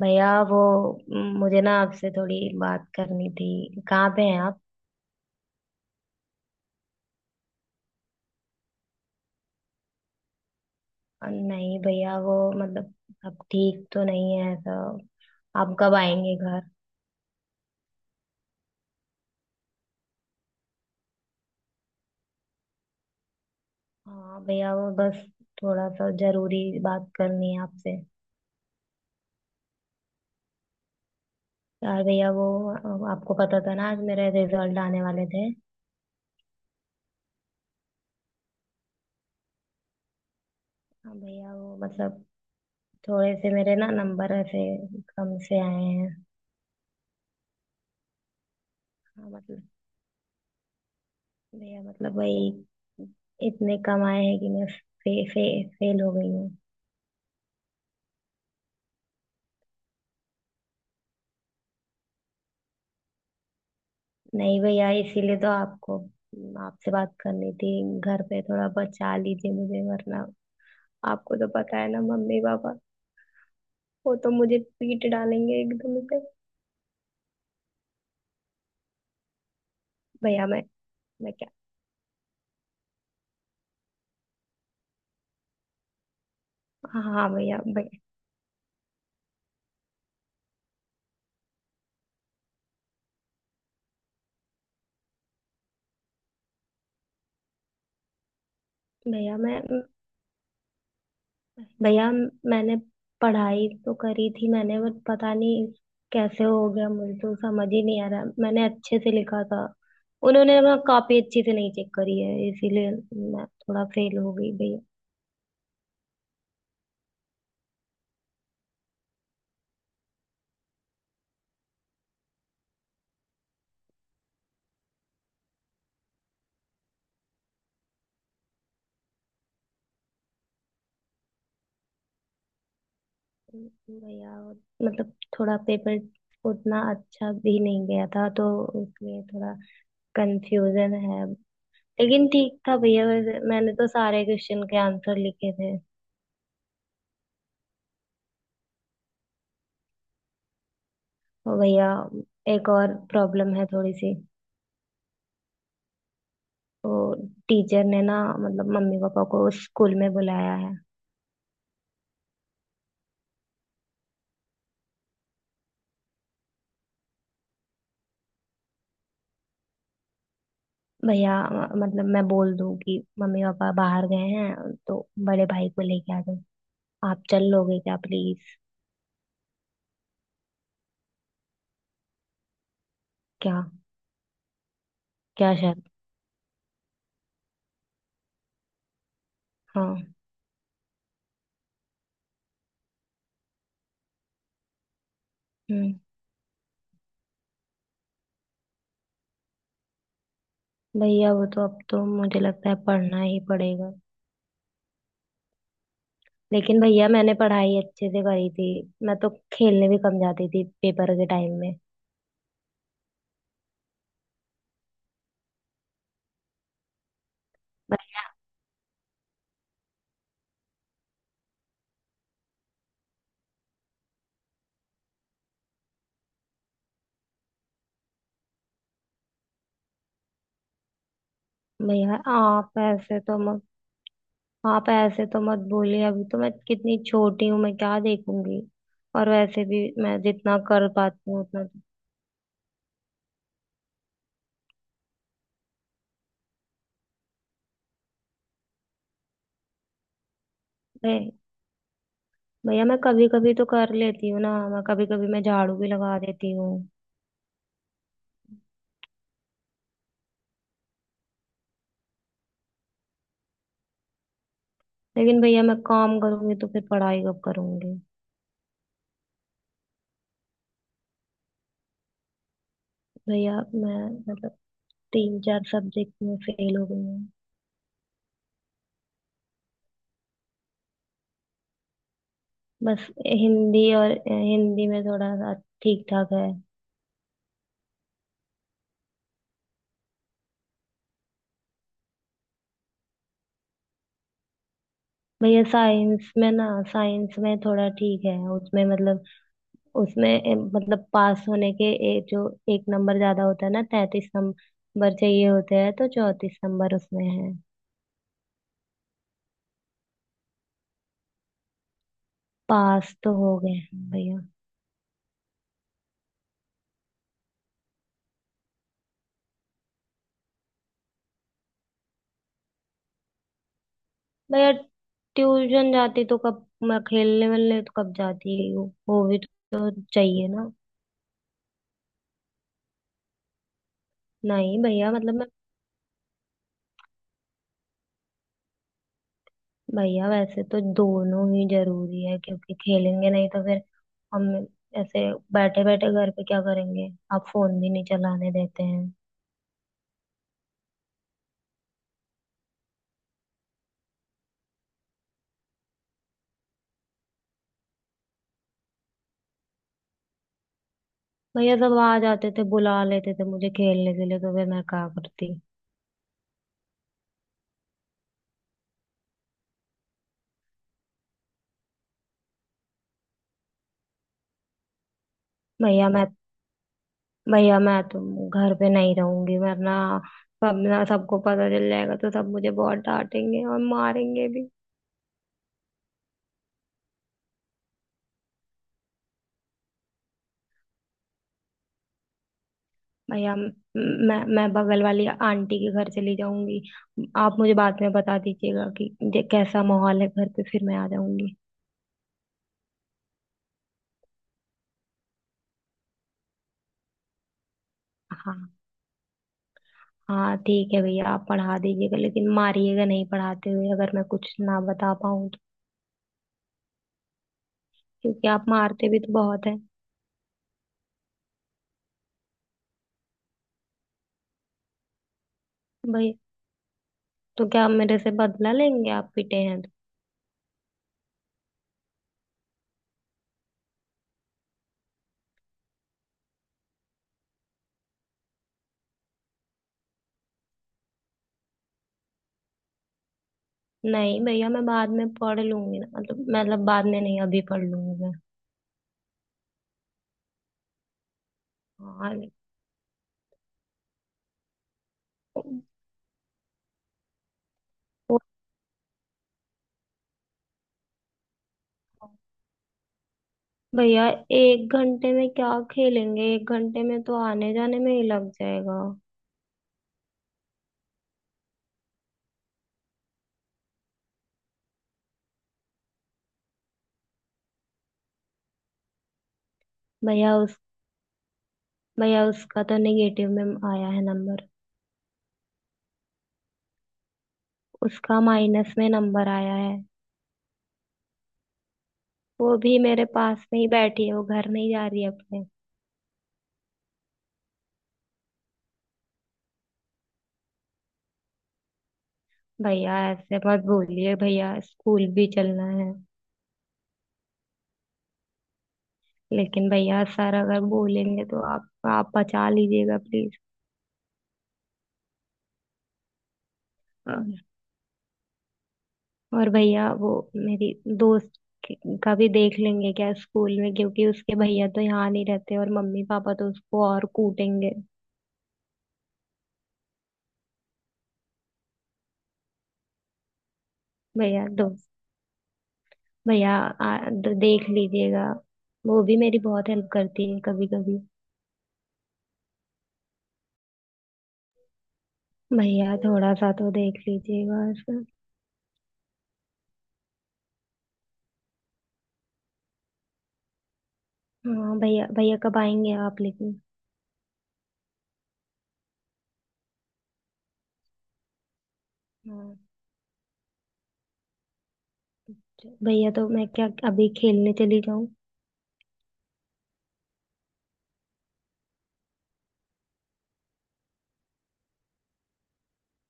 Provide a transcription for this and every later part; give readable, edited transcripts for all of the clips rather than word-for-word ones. भैया, वो मुझे ना आपसे थोड़ी बात करनी थी। कहाँ पे हैं आप। नहीं भैया, वो मतलब अब ठीक तो नहीं है ऐसा। आप कब आएंगे घर। हाँ भैया, वो बस थोड़ा सा जरूरी बात करनी है आपसे। यार भैया, वो आपको पता था ना आज मेरे रिजल्ट आने वाले थे। हाँ भैया, वो मतलब थोड़े से मेरे ना नंबर ऐसे कम से आए हैं। हाँ मतलब, भैया मतलब वही इतने कम आए हैं कि मैं फे, फे, फेल हो गई हूँ। नहीं भैया, इसीलिए तो आपको आपसे बात करनी थी। घर पे थोड़ा बचा लीजिए मुझे, वरना आपको तो पता है ना मम्मी पापा वो तो मुझे पीट डालेंगे एकदम से। भैया मैं। मैं क्या। हाँ, हाँ, भैया भैया। भैया मैं। भैया, मैंने पढ़ाई तो करी थी। मैंने बट पता नहीं कैसे हो गया, मुझे तो समझ ही नहीं आ रहा, मैंने अच्छे से लिखा था। उन्होंने ना कॉपी अच्छे से नहीं चेक करी है, इसीलिए मैं थोड़ा फेल हो गई भैया। भैया, वो मतलब थोड़ा पेपर उतना अच्छा भी नहीं गया था, तो इसलिए थोड़ा कंफ्यूजन है। लेकिन ठीक था भैया, वैसे मैंने तो सारे क्वेश्चन के आंसर लिखे थे। और भैया, एक और प्रॉब्लम है थोड़ी सी। तो टीचर ने ना मतलब मम्मी पापा को स्कूल में बुलाया है। भैया, मतलब मैं बोल दूं कि मम्मी पापा बाहर गए हैं तो बड़े भाई को लेके आ जाओ। आप चल लोगे क्या, प्लीज। क्या। क्या शर्त। हाँ। हम्म। भैया, वो तो अब तो मुझे लगता है पढ़ना ही पड़ेगा। लेकिन भैया, मैंने पढ़ाई अच्छे से करी थी। मैं तो खेलने भी कम जाती थी पेपर के टाइम में। बस भैया, आप ऐसे तो मत बोलिए। अभी तो मैं कितनी छोटी हूँ, मैं क्या देखूंगी। और वैसे भी मैं जितना कर पाती हूँ उतना। भै- भैया, मैं कभी कभी तो कर लेती हूँ ना। मैं कभी कभी मैं झाड़ू भी लगा देती हूँ। लेकिन भैया, मैं काम करूंगी तो फिर पढ़ाई कब करूंगी। भैया, मैं मतलब तीन चार सब्जेक्ट में फेल हो गई हूँ। बस हिंदी, और हिंदी में थोड़ा सा ठीक ठाक है। भैया, साइंस में ना, साइंस में थोड़ा ठीक है। उसमें मतलब उसमें मतलब पास होने के जो एक नंबर ज्यादा होता है ना, 33 नंबर चाहिए होते हैं, तो 34 नंबर उसमें है। पास तो हो गए हैं भैया। भैया, ट्यूशन जाती तो कब, मैं खेलने वेलने तो कब जाती हूँ, वो भी तो चाहिए ना। नहीं भैया, मतलब मैं। भैया, वैसे तो दोनों ही जरूरी है क्योंकि खेलेंगे नहीं तो फिर हम ऐसे बैठे बैठे घर पे क्या करेंगे। आप फोन भी नहीं चलाने देते हैं। भैया, सब आ जाते थे बुला लेते थे मुझे खेलने के लिए, तो फिर मैं क्या करती। भैया मैं। भैया, मैं तो घर पे नहीं रहूंगी, वरना सब ना, सबको पता चल जाएगा तो सब मुझे बहुत डांटेंगे और मारेंगे भी। या मैं बगल वाली आंटी के घर चली जाऊंगी। आप मुझे बाद में बता दीजिएगा कि कैसा माहौल है घर पे, फिर मैं आ जाऊंगी। हाँ। हाँ ठीक है भैया, आप पढ़ा दीजिएगा लेकिन मारिएगा नहीं पढ़ाते हुए, अगर मैं कुछ ना बता पाऊँ तो, क्योंकि आप मारते भी तो बहुत है। भैया, तो क्या आप मेरे से बदला लेंगे, आप पिटे हैं तो। नहीं भैया, मैं बाद में पढ़ लूंगी ना मतलब बाद में नहीं, अभी पढ़ लूंगी मैं। हाँ। वो भैया, एक घंटे में क्या खेलेंगे, एक घंटे में तो आने जाने में ही लग जाएगा। भैया उस। भैया, उसका तो नेगेटिव में आया है नंबर। उसका माइनस में नंबर आया है। वो भी मेरे पास में ही बैठी है, वो घर नहीं जा रही है अपने। भैया, ऐसे मत बोलिए भैया, स्कूल भी चलना है। लेकिन भैया, सर अगर बोलेंगे तो आप बचा लीजिएगा प्लीज। और भैया, वो मेरी दोस्त के- का भी देख लेंगे क्या स्कूल में, क्योंकि उसके भैया तो यहाँ नहीं रहते और मम्मी पापा तो उसको और कूटेंगे। भैया दोस्त। भैया, देख लीजिएगा। वो भी मेरी बहुत हेल्प करती है कभी कभी। भैया, थोड़ा सा तो देख लीजिएगा इसका। हाँ भैया, भैया कब आएंगे आप लेकिन। हाँ भैया, तो मैं क्या अभी खेलने चली जाऊं।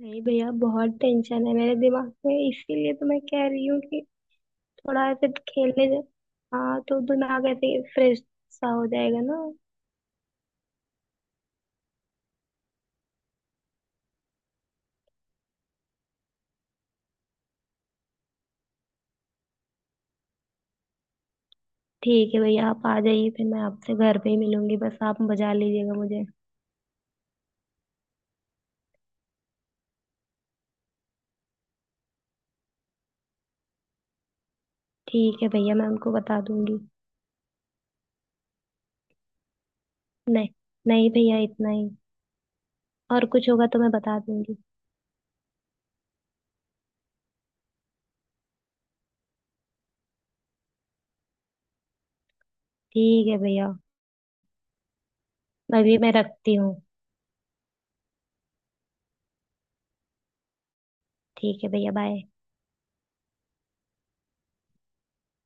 नहीं भैया, बहुत टेंशन है मेरे दिमाग में, इसीलिए तो मैं कह रही हूँ कि थोड़ा ऐसे खेलने से। हाँ, तो दिमाग ऐसे फ्रेश सा हो जाएगा ना। ठीक है भैया, आप आ जाइए फिर मैं आपसे घर पे ही मिलूंगी, बस आप बजा लीजिएगा मुझे। ठीक है भैया, मैं उनको बता दूंगी। नहीं, नहीं भैया, इतना ही। और कुछ होगा तो मैं बता दूंगी। ठीक है भैया, अभी मैं रखती हूँ। ठीक है भैया, बाय।